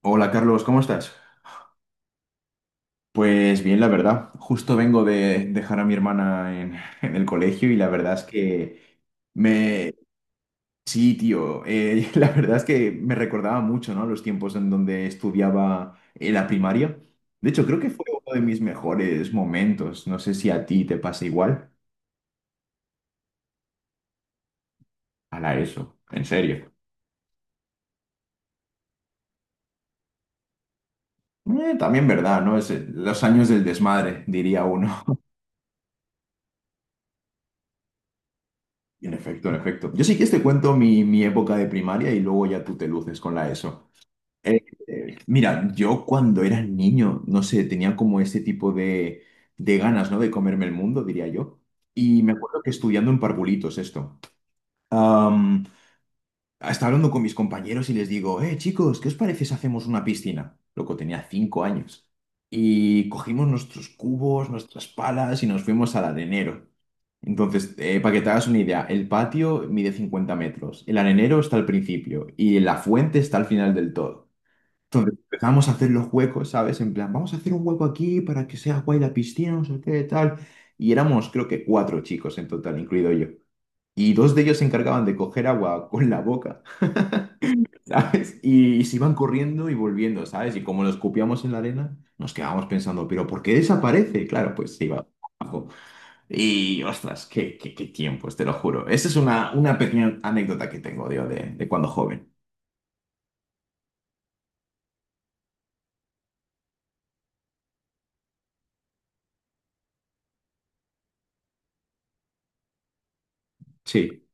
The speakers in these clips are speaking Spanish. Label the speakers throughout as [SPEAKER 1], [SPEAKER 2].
[SPEAKER 1] Hola Carlos, ¿cómo estás? Pues bien, la verdad. Justo vengo de dejar a mi hermana en, en el colegio y la verdad es que me... Sí, tío, la verdad es que me recordaba mucho, ¿no? Los tiempos en donde estudiaba en la primaria. De hecho, creo que fue uno de mis mejores momentos. No sé si a ti te pasa igual. A la ESO, en serio. También verdad, ¿no? Es los años del desmadre, diría uno. En efecto, en efecto. Yo sí que te cuento mi época de primaria y luego ya tú te luces con la ESO. Mira, yo cuando era niño, no sé, tenía como ese tipo de ganas, ¿no? De comerme el mundo, diría yo. Y me acuerdo que estudiando en Parvulitos esto, am, estaba hablando con mis compañeros y les digo, chicos, ¿qué os parece si hacemos una piscina? Loco, tenía 5 años. Y cogimos nuestros cubos, nuestras palas y nos fuimos al arenero. Entonces, para que te hagas una idea, el patio mide 50 metros, el arenero está al principio y la fuente está al final del todo. Entonces empezamos a hacer los huecos, ¿sabes? En plan, vamos a hacer un hueco aquí para que sea guay la piscina, no sé qué, tal. Y éramos, creo que cuatro chicos en total, incluido yo. Y dos de ellos se encargaban de coger agua con la boca, ¿sabes? Y, se iban corriendo y volviendo, ¿sabes? Y como lo escupíamos en la arena, nos quedábamos pensando, ¿pero por qué desaparece? Claro, pues se iba abajo. Y ostras, qué tiempos, te lo juro. Esa es una pequeña anécdota que tengo, digo, de cuando joven. Sí,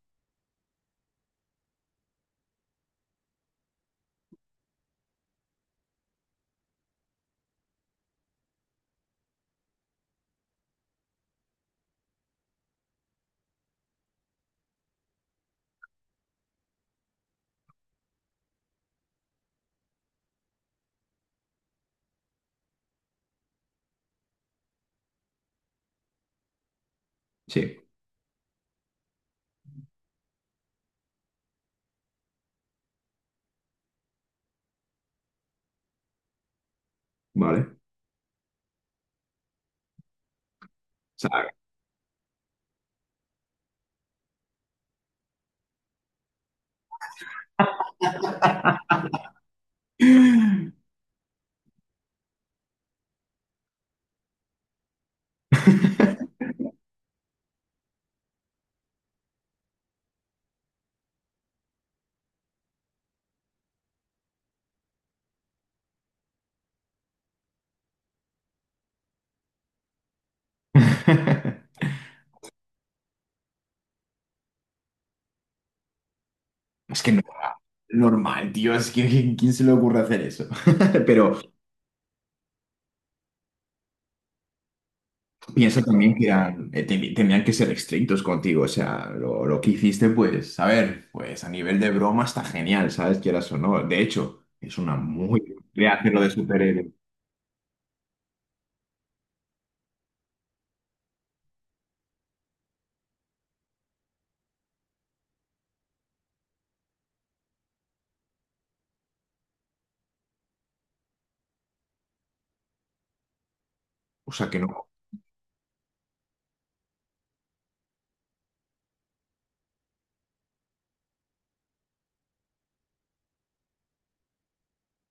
[SPEAKER 1] sí, vale. O sea, Es que no, normal, tío, es que ¿quién se le ocurre hacer eso? Pero piensa también que eran, tenían que ser estrictos contigo, o sea, lo que hiciste, pues, a ver, pues a nivel de broma está genial, ¿sabes? Quieras o no. De hecho, es una muy buena idea hacerlo de superhéroe, o sea que no.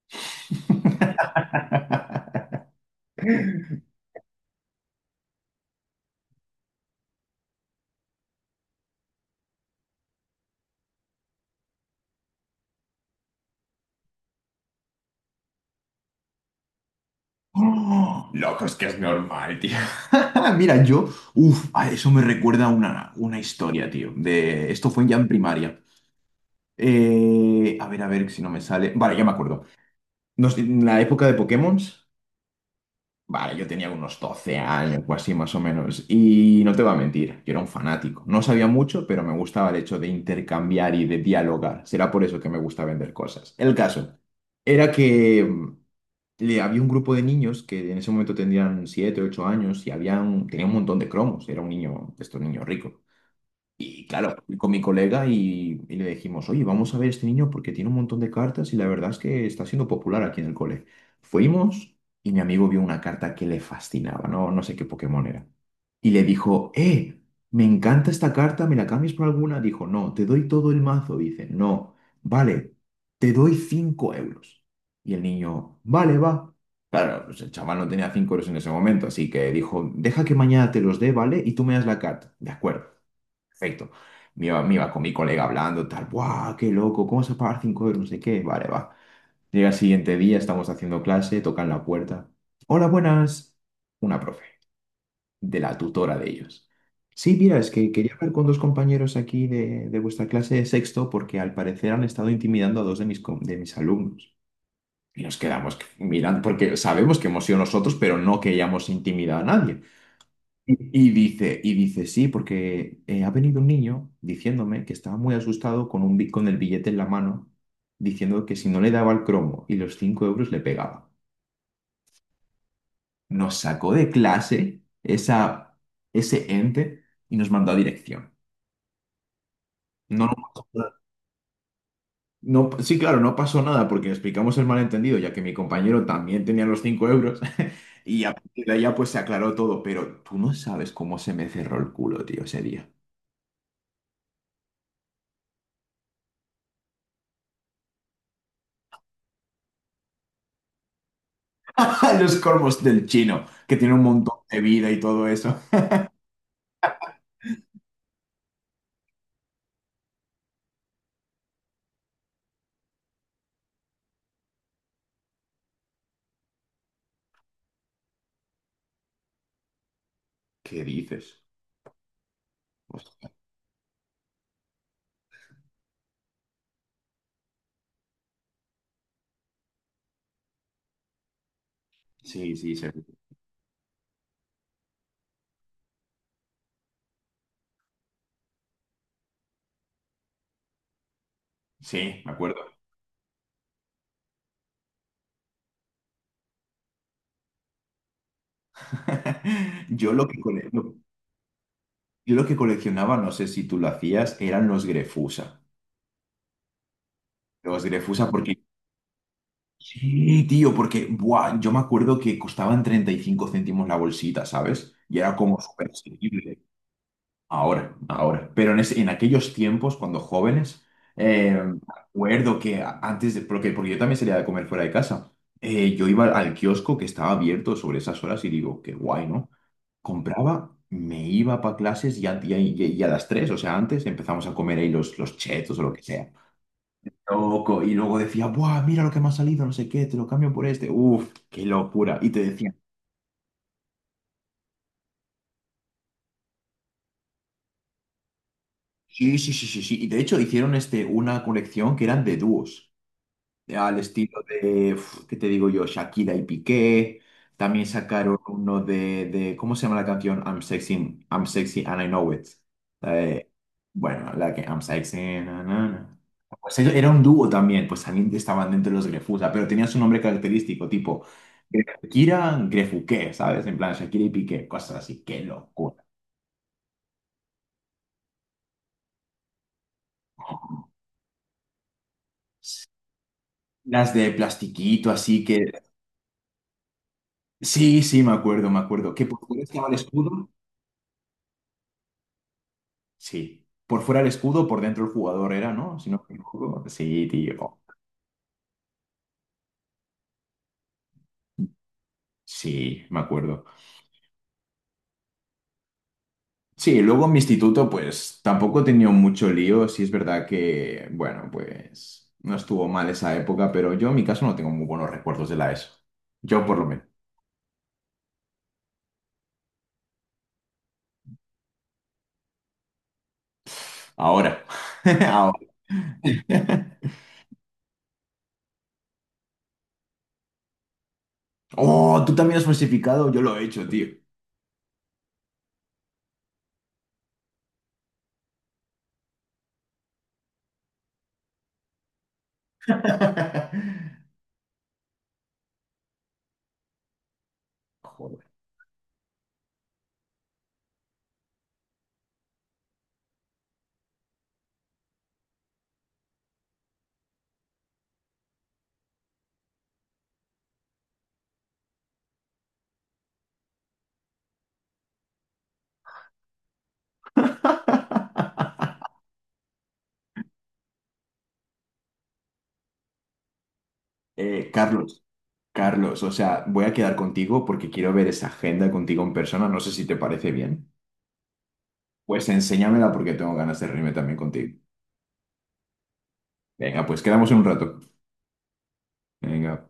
[SPEAKER 1] Oh, loco, es que es normal, tío. Mira, yo, uff, eso me recuerda a una historia, tío, de, esto fue ya en primaria. A ver, a ver si no me sale. Vale, ya me acuerdo. En la época de Pokémon, vale, yo tenía unos 12 años o así más o menos. Y no te voy a mentir, yo era un fanático. No sabía mucho, pero me gustaba el hecho de intercambiar y de dialogar. Será por eso que me gusta vender cosas. El caso era que había un grupo de niños que en ese momento tendrían 7, 8 años y habían, tenía un montón de cromos. Era un niño, de estos niños ricos. Y claro, fui con mi colega y le dijimos, oye, vamos a ver este niño porque tiene un montón de cartas y la verdad es que está siendo popular aquí en el cole. Fuimos y mi amigo vio una carta que le fascinaba, no, no sé qué Pokémon era. Y le dijo, me encanta esta carta, ¿me la cambias por alguna? Dijo, no, te doy todo el mazo. Dice, no, vale, te doy 5 euros. Y el niño, vale, va. Claro, pues el chaval no tenía 5 euros en ese momento, así que dijo, deja que mañana te los dé, ¿vale? Y tú me das la carta. De acuerdo. Perfecto. Me iba con mi colega hablando, tal, ¡guau! ¡Qué loco! ¿Cómo se pagar 5 euros? No sé qué. Vale, va. Llega el siguiente día, estamos haciendo clase, tocan la puerta. Hola, buenas. Una profe, de la tutora de ellos. Sí, mira, es que quería hablar con dos compañeros aquí de vuestra clase de sexto porque al parecer han estado intimidando a dos de de mis alumnos. Y nos quedamos mirando porque sabemos que hemos sido nosotros, pero no queríamos intimidar a nadie. Y, y dice, sí, porque ha venido un niño diciéndome que estaba muy asustado con, con el billete en la mano, diciendo que si no le daba el cromo y los 5 euros le pegaba. Nos sacó de ese ente y nos mandó a dirección. No, no pasó nada. Sí, claro, no pasó nada porque explicamos el malentendido, ya que mi compañero también tenía los 5 euros y a partir de allá pues se aclaró todo, pero tú no sabes cómo se me cerró el culo, tío, ese día. A los corvos del chino, que tiene un montón de vida y todo eso. ¿Qué dices? Hostia. Sí, sí, sí, sí, me acuerdo. Yo lo que cole- lo- yo lo que coleccionaba, no sé si tú lo hacías, eran los Grefusa. Los Grefusa porque... Sí, tío, porque buah, yo me acuerdo que costaban 35 céntimos la bolsita, ¿sabes? Y era como súper accesible. Ahora, ahora. Pero en aquellos tiempos, cuando jóvenes, me acuerdo que antes de, porque yo también salía de comer fuera de casa, yo iba al kiosco que estaba abierto sobre esas horas y digo, qué guay, ¿no? Compraba, me iba para clases y a las 3, o sea, antes empezamos a comer ahí los chetos o lo que sea. Loco, y luego decía, ¡buah, mira lo que me ha salido, no sé qué, te lo cambio por este! ¡Uf, qué locura! Y te decían, sí, sí, sí, sí, sí. Y de hecho hicieron este, una colección que eran de dúos. Al estilo de, uf, ¿qué te digo yo? Shakira y Piqué. También sacaron uno de, ¿cómo se llama la canción? I'm sexy and I know it. Eh, bueno, la que I'm sexy. Na, na, na. Era un dúo también, pues también estaban dentro de los Grefusa, pero tenían su nombre característico, tipo Shakira Grefuqué, ¿sabes? En plan Shakira y Piqué, cosas así, qué locura. Las de plastiquito, así que... Sí, sí, me acuerdo, me acuerdo. Que por fuera estaba el escudo. Sí. Por fuera el escudo, por dentro el jugador era, ¿no? Si no me equivoco. Sí, tío. Sí, me acuerdo. Sí, luego en mi instituto, pues tampoco he tenido mucho lío. Sí, es verdad que, bueno, pues no estuvo mal esa época, pero yo en mi caso no tengo muy buenos recuerdos de la ESO. Yo por lo menos. Ahora. Ahora. Oh, tú también has falsificado. Yo lo he hecho, tío. Joder. Carlos. Carlos, o sea, voy a quedar contigo porque quiero ver esa agenda contigo en persona. No sé si te parece bien. Pues enséñamela porque tengo ganas de reunirme también contigo. Venga, pues quedamos en un rato. Venga.